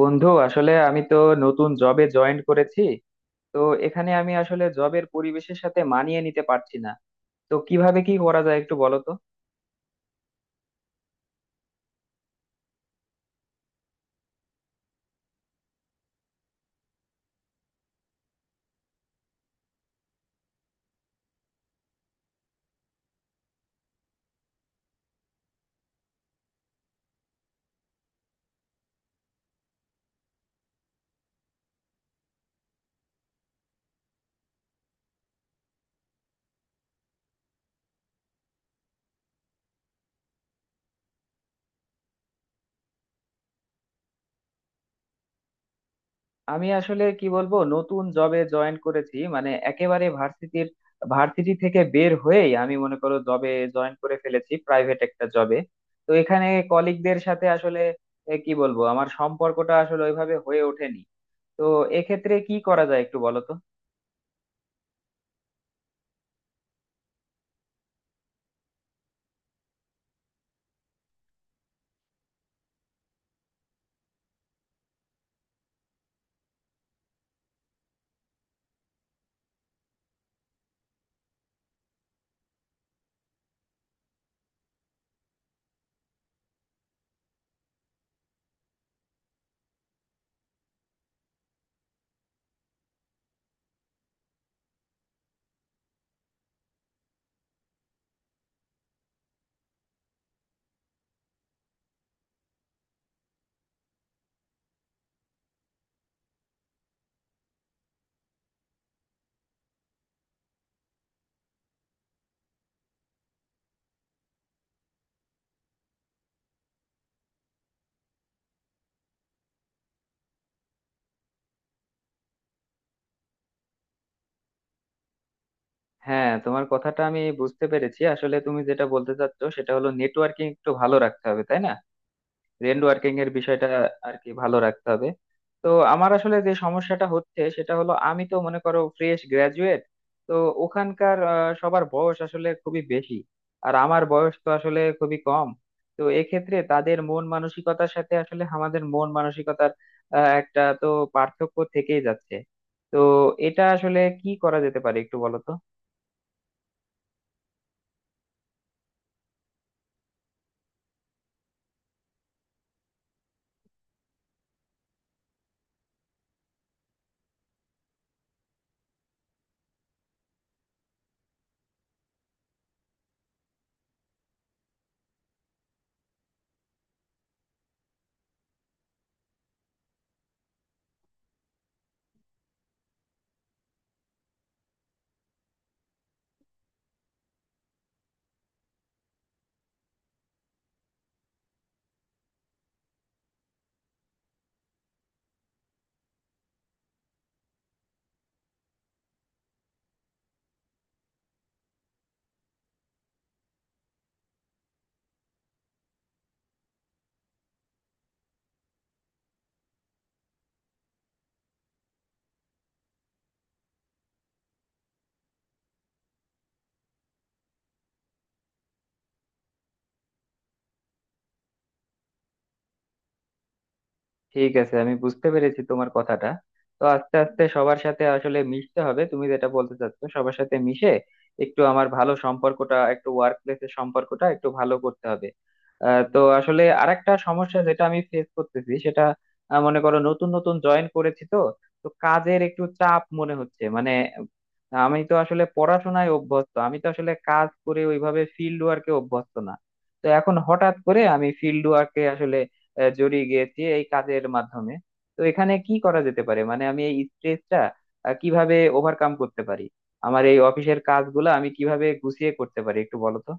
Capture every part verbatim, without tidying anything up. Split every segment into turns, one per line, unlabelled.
বন্ধু, আসলে আমি তো নতুন জবে জয়েন করেছি। তো এখানে আমি আসলে জবের পরিবেশের সাথে মানিয়ে নিতে পারছি না। তো কিভাবে কি করা যায় একটু বলো তো। আমি আসলে কি বলবো, নতুন জবে জয়েন করেছি, মানে একেবারে ভার্সিটির ভার্সিটি থেকে বের হয়েই আমি মনে করো জবে জয়েন করে ফেলেছি, প্রাইভেট একটা জবে। তো এখানে কলিগদের সাথে আসলে এ, কি বলবো, আমার সম্পর্কটা আসলে ওইভাবে হয়ে ওঠেনি। তো এক্ষেত্রে কি করা যায় একটু বলো তো। হ্যাঁ, তোমার কথাটা আমি বুঝতে পেরেছি। আসলে তুমি যেটা বলতে চাচ্ছ সেটা হলো নেটওয়ার্কিং একটু ভালো রাখতে হবে, তাই না? নেট ওয়ার্কিং এর বিষয়টা আর কি ভালো রাখতে হবে। তো আমার আসলে যে সমস্যাটা হচ্ছে সেটা হলো, আমি তো মনে করো ফ্রেশ গ্রাজুয়েট। তো ওখানকার আহ, সবার বয়স আসলে খুবই বেশি, আর আমার বয়স তো আসলে খুবই কম। তো এক্ষেত্রে তাদের মন মানসিকতার সাথে আসলে আমাদের মন মানসিকতার আহ, একটা তো পার্থক্য থেকেই যাচ্ছে। তো এটা আসলে কি করা যেতে পারে একটু বলো তো। ঠিক আছে, আমি বুঝতে পেরেছি তোমার কথাটা। তো আস্তে আস্তে সবার সাথে আসলে মিশতে হবে, তুমি যেটা বলতে চাচ্ছো, সবার সাথে মিশে একটু আমার ভালো সম্পর্কটা, একটু ওয়ার্ক প্লেসের সম্পর্কটা একটু ভালো করতে হবে। আহ, তো আসলে আরেকটা সমস্যা যেটা আমি ফেস করতেছি সেটা, আহ, মনে করো নতুন নতুন জয়েন করেছি তো, তো কাজের একটু চাপ মনে হচ্ছে। মানে আমি তো আসলে পড়াশোনায় অভ্যস্ত, আমি তো আসলে কাজ করে ওইভাবে ফিল্ড ওয়ার্কে অভ্যস্ত না। তো এখন হঠাৎ করে আমি ফিল্ড ওয়ার্কে আসলে আহ, জড়িয়ে গিয়েছি এই কাজের মাধ্যমে। তো এখানে কি করা যেতে পারে, মানে আমি এই স্ট্রেসটা কিভাবে ওভারকাম করতে পারি, আমার এই অফিসের কাজগুলো আমি কিভাবে গুছিয়ে করতে পারি একটু বলো তো।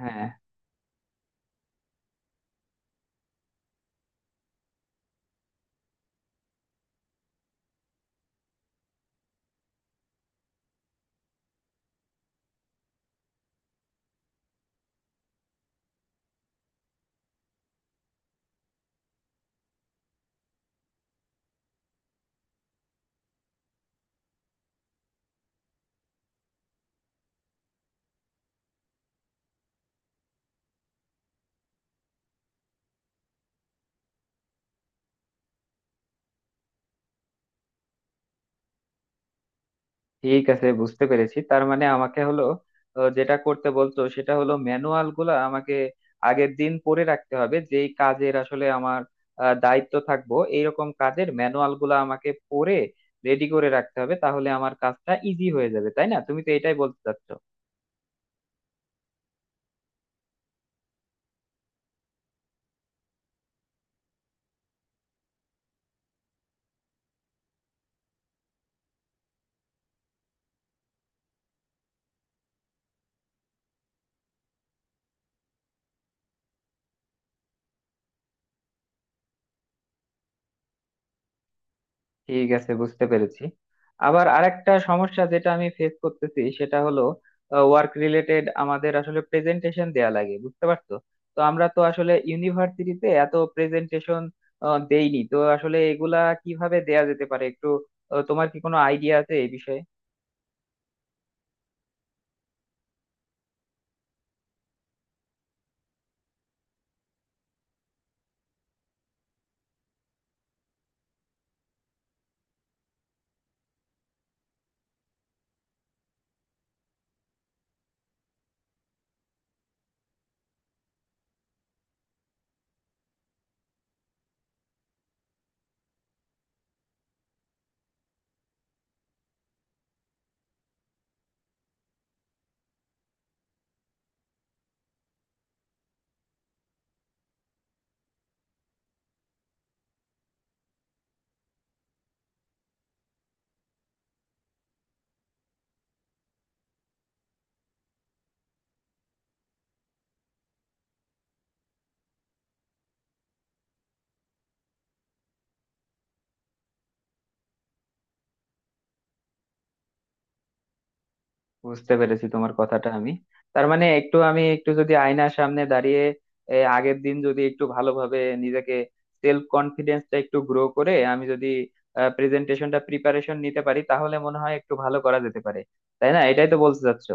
হ্যাঁ, ঠিক আছে, বুঝতে পেরেছি। তার মানে আমাকে হলো আহ, যেটা করতে বলতো সেটা হলো ম্যানুয়াল গুলা আমাকে আগের দিন পড়ে রাখতে হবে, যেই কাজের আসলে আমার আহ, দায়িত্ব থাকবো এইরকম কাজের ম্যানুয়াল গুলা আমাকে পড়ে রেডি করে রাখতে হবে, তাহলে আমার কাজটা ইজি হয়ে যাবে, তাই না? তুমি তো এটাই বলতে চাচ্ছ। ঠিক আছে, বুঝতে পেরেছি। আবার আরেকটা সমস্যা যেটা আমি ফেস করতেছি সেটা হলো ওয়ার্ক রিলেটেড আমাদের আসলে প্রেজেন্টেশন দেয়া লাগে, বুঝতে পারছো? তো আমরা তো আসলে ইউনিভার্সিটিতে এত প্রেজেন্টেশন দেইনি। তো আসলে এগুলা কিভাবে দেয়া যেতে পারে, একটু আহ, তোমার কি কোনো আইডিয়া আছে এই বিষয়ে? বুঝতে পেরেছি তোমার কথাটা আমি। তার মানে একটু আমি একটু যদি আয়নার সামনে দাঁড়িয়ে এ, আগের দিন যদি একটু ভালোভাবে নিজেকে, সেলফ কনফিডেন্সটা একটু গ্রো করে আমি যদি প্রেজেন্টেশনটা প্রিপারেশন নিতে পারি, তাহলে মনে হয় একটু ভালো করা যেতে পারে, তাই না? এটাই তো বলতে চাচ্ছো।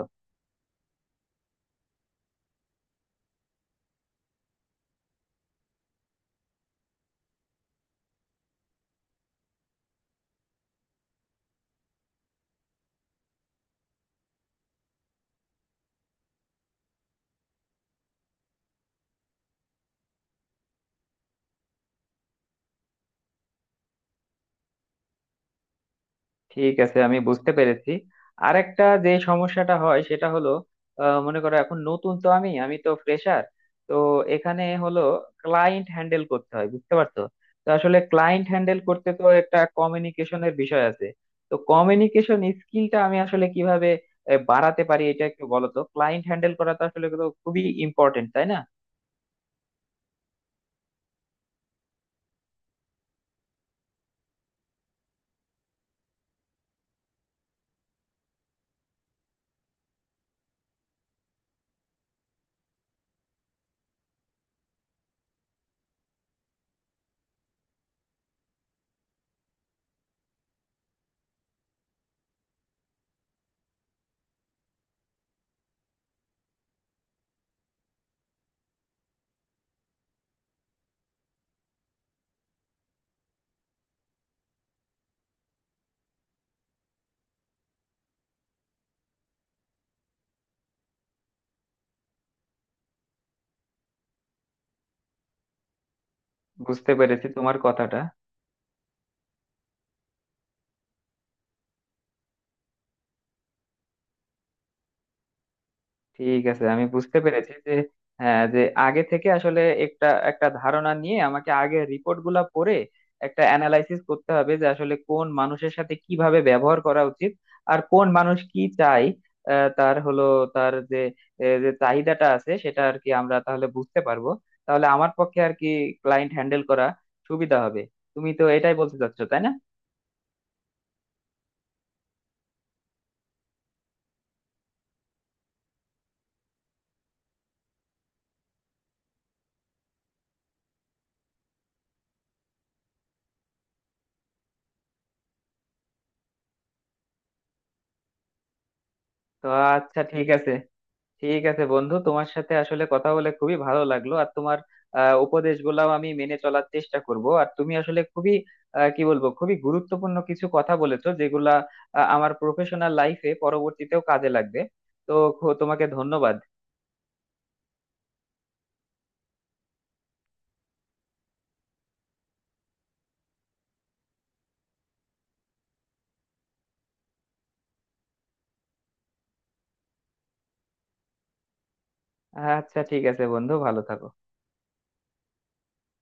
ঠিক আছে, আমি বুঝতে পেরেছি। আর একটা যে সমস্যাটা হয় সেটা হলো, আহ, মনে করো এখন নতুন তো, আমি আমি তো ফ্রেশার। তো এখানে হলো ক্লায়েন্ট হ্যান্ডেল করতে হয়, বুঝতে পারছো? তো আসলে ক্লায়েন্ট হ্যান্ডেল করতে তো একটা কমিউনিকেশনের বিষয় আছে। তো কমিউনিকেশন স্কিলটা আমি আসলে কিভাবে আহ, বাড়াতে পারি এটা একটু বলো তো। ক্লায়েন্ট হ্যান্ডেল করা তো আসলে তো খুবই ইম্পর্টেন্ট, তাই না? বুঝতে পেরেছি তোমার কথাটা। ঠিক আছে, আমি বুঝতে পেরেছি যে, হ্যাঁ, যে আগে থেকে আসলে একটা একটা ধারণা নিয়ে আমাকে আগে রিপোর্ট গুলা পড়ে একটা অ্যানালাইসিস করতে হবে যে আসলে কোন মানুষের সাথে কিভাবে ব্যবহার করা উচিত, আর কোন মানুষ কি চাই, আহ, তার হলো, তার যে এ, যে চাহিদাটা আছে সেটা আর কি আমরা তাহলে বুঝতে পারবো। তাহলে আমার পক্ষে আর কি ক্লায়েন্ট হ্যান্ডেল করা সুবিধা হবে। তুমি তো এটাই বলতে চাচ্ছো, তাই না? তো আচ্ছা, ঠিক আছে। ঠিক আছে বন্ধু, তোমার সাথে আসলে কথা বলে খুবই ভালো লাগলো। আর তোমার আহ উপদেশগুলাও আমি মেনে চলার চেষ্টা করব। আর তুমি আসলে খুবই আহ, কি বলবো, খুবই গুরুত্বপূর্ণ কিছু কথা বলেছো যেগুলা আহ, আমার প্রফেশনাল লাইফে পরবর্তীতেও কাজে লাগবে। তো খু- তোমাকে ধন্যবাদ। আচ্ছা, ঠিক আছে বন্ধু, ভালো থাকো।